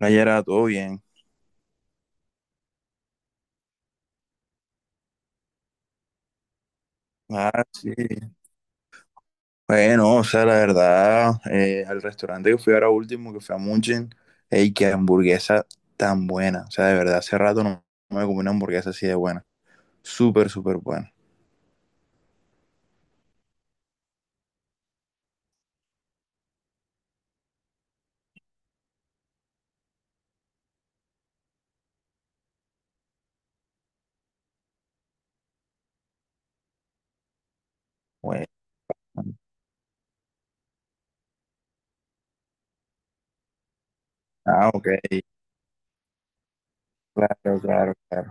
Nayera, todo bien. Ah, sí. Bueno, o sea, la verdad, al restaurante que fui ahora último, que fue a Munchin, ey, qué hamburguesa tan buena. O sea, de verdad, hace rato no me comí una hamburguesa así de buena. Súper, súper buena. Bueno. Ah, OK. Claro, claro, claro.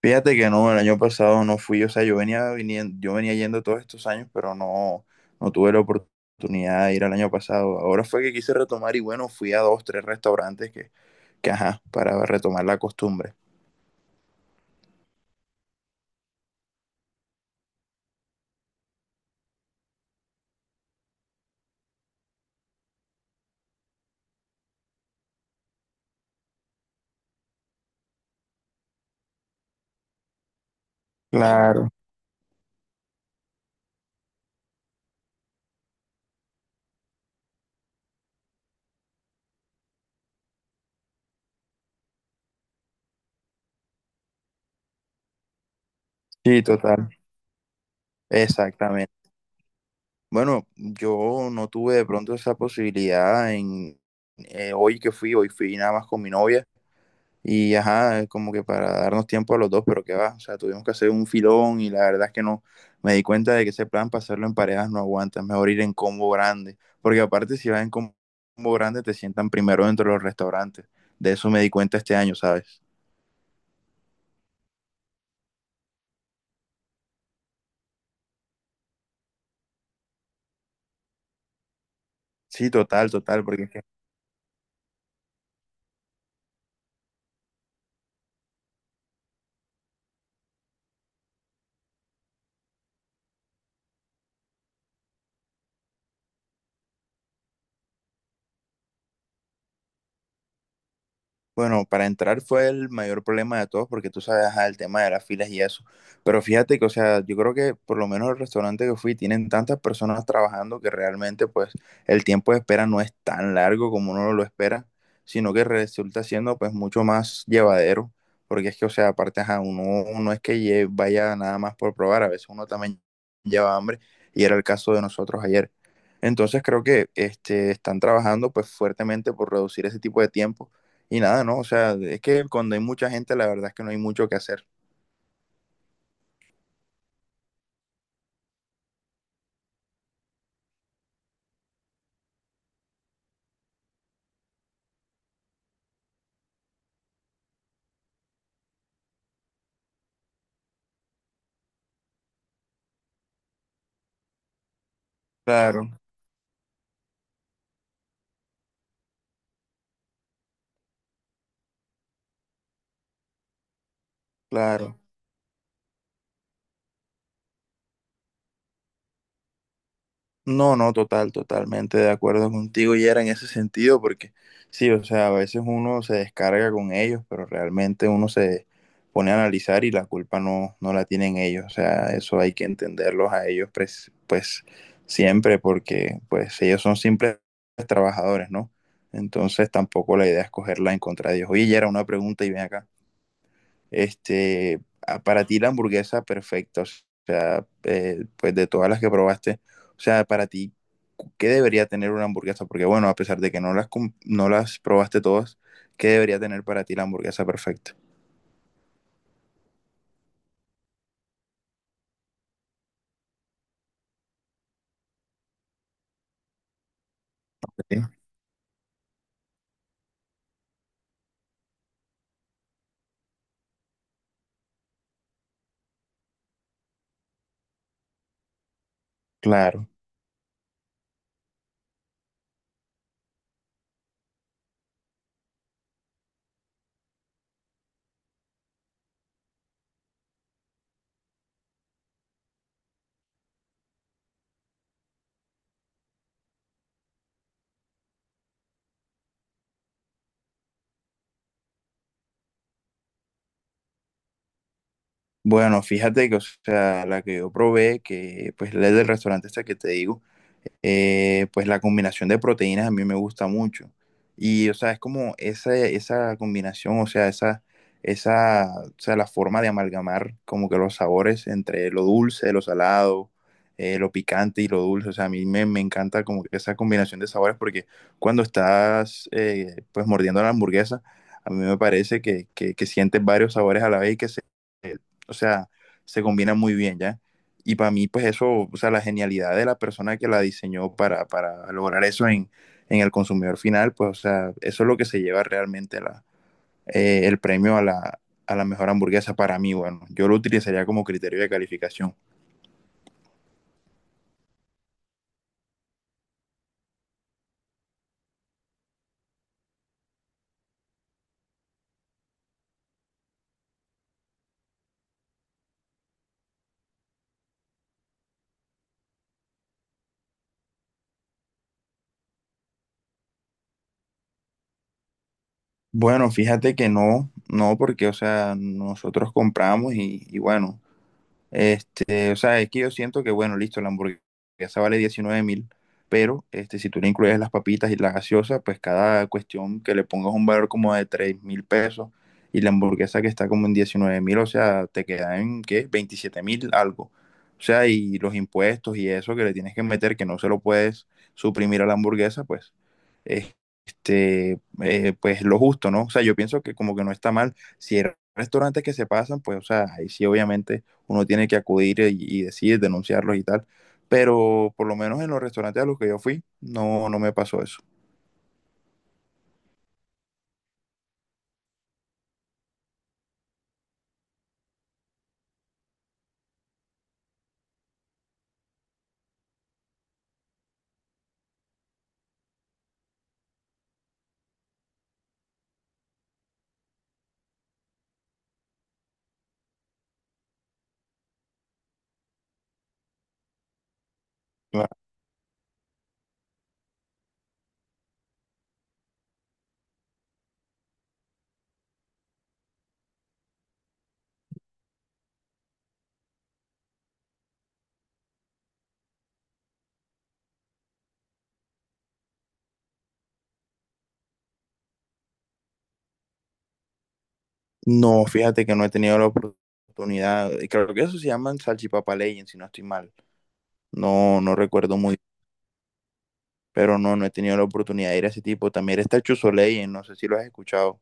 Fíjate que no, el año pasado no fui, o sea, yo venía yendo todos estos años, pero no tuve la oportunidad de ir al año pasado. Ahora fue que quise retomar y bueno, fui a dos, tres restaurantes ajá, para retomar la costumbre. Claro. Sí, total. Exactamente. Bueno, yo no tuve de pronto esa posibilidad en hoy fui nada más con mi novia y ajá, como que para darnos tiempo a los dos, pero qué va, o sea, tuvimos que hacer un filón y la verdad es que no, me di cuenta de que ese plan para hacerlo en parejas no aguanta, es mejor ir en combo grande, porque aparte si vas en combo grande te sientan primero dentro de los restaurantes, de eso me di cuenta este año, ¿sabes? Sí, total, total. Porque Bueno, para entrar fue el mayor problema de todos porque tú sabes, ajá, el tema de las filas y eso. Pero fíjate que, o sea, yo creo que por lo menos el restaurante que fui tienen tantas personas trabajando que realmente pues el tiempo de espera no es tan largo como uno lo espera, sino que resulta siendo pues mucho más llevadero. Porque es que, o sea, aparte, ajá, uno no es que vaya nada más por probar, a veces uno también lleva hambre y era el caso de nosotros ayer. Entonces creo que están trabajando pues fuertemente por reducir ese tipo de tiempo y nada, ¿no? O sea, es que cuando hay mucha gente, la verdad es que no hay mucho que hacer. Claro, claro. No, no, totalmente de acuerdo contigo, y era en ese sentido, porque sí, o sea, a veces uno se descarga con ellos, pero realmente uno se pone a analizar y la culpa no la tienen ellos. O sea, eso hay que entenderlos a ellos, pues, siempre, porque pues ellos son simples trabajadores, ¿no? Entonces tampoco la idea es cogerla en contra de ellos. Oye, ya era una pregunta y ven acá. Para ti la hamburguesa perfecta, o sea, pues de todas las que probaste, o sea, para ti, ¿qué debería tener una hamburguesa? Porque bueno, a pesar de que no las, no las probaste todas, ¿qué debería tener para ti la hamburguesa perfecta? Sí. Claro. Bueno, fíjate que, o sea, la que yo probé, que pues la del restaurante esta que te digo, pues la combinación de proteínas a mí me gusta mucho. Y, o sea, es como esa combinación, o sea, esa, o sea, la forma de amalgamar como que los sabores entre lo dulce, lo salado, lo picante y lo dulce. O sea, a mí me encanta como que esa combinación de sabores porque cuando estás, pues, mordiendo la hamburguesa, a mí me parece que sientes varios sabores a la vez y que se o sea, se combina muy bien, ¿ya? Y para mí, pues eso, o sea, la genialidad de la persona que la diseñó para lograr eso en el consumidor final, pues, o sea, eso es lo que se lleva realmente el premio a la mejor hamburguesa para mí. Bueno, yo lo utilizaría como criterio de calificación. Bueno, fíjate que no, no, porque, o sea, nosotros compramos y bueno. O sea, es que yo siento que, bueno, listo, la hamburguesa vale 19.000, pero si tú le incluyes las papitas y la gaseosa, pues cada cuestión que le pongas un valor como de $3.000 y la hamburguesa que está como en 19.000, o sea, te queda en, ¿qué? 27.000 algo. O sea, y los impuestos y eso que le tienes que meter, que no se lo puedes suprimir a la hamburguesa, eh, pues lo justo, ¿no? O sea, yo pienso que como que no está mal. Si hay restaurantes que se pasan, pues, o sea, ahí sí, obviamente uno tiene que acudir y decir, denunciarlos y tal. Pero por lo menos en los restaurantes a los que yo fui, no me pasó eso. Claro. No, fíjate que no he tenido la oportunidad. Creo que eso se llaman salchipapa legend, si no estoy mal. No recuerdo muy bien, pero no he tenido la oportunidad de ir a ese tipo. También está Chuzo Legend, no sé si lo has escuchado.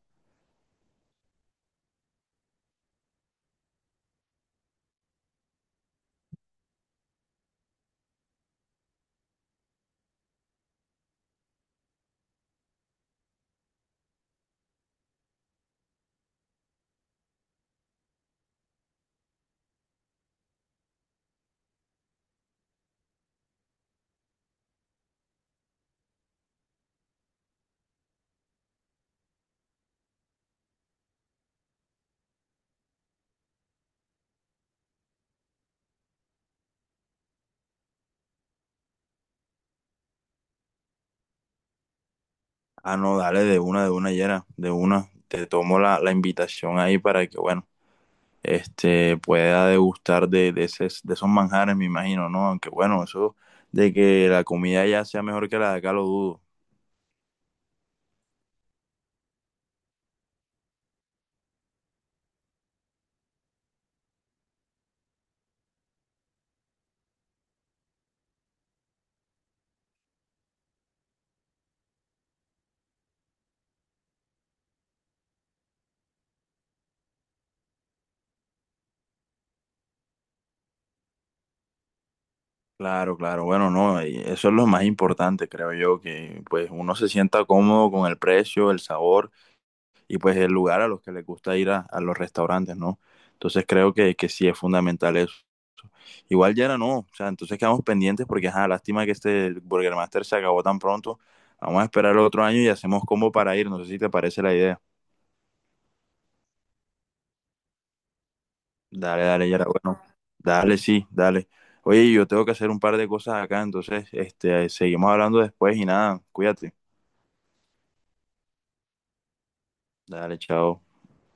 Ah, no, dale de una, Yera, de una. Te tomo la invitación ahí para que, bueno. Pueda degustar de esos manjares, me imagino, ¿no? Aunque bueno, eso de que la comida ya sea mejor que la de acá lo dudo. Claro, claro, bueno, no, y eso es lo más importante, creo yo, que pues uno se sienta cómodo con el precio, el sabor y pues el lugar a los que les gusta ir a los restaurantes, ¿no? Entonces creo que sí es fundamental eso. Igual ya era no, o sea, entonces quedamos pendientes porque, ajá, lástima que este Burger Master se acabó tan pronto. Vamos a esperar el otro año y hacemos combo para ir, no sé si te parece la idea. Dale, dale, ya era bueno. Dale, sí, dale. Oye, yo tengo que hacer un par de cosas acá, entonces, seguimos hablando después y nada, cuídate. Dale, chao.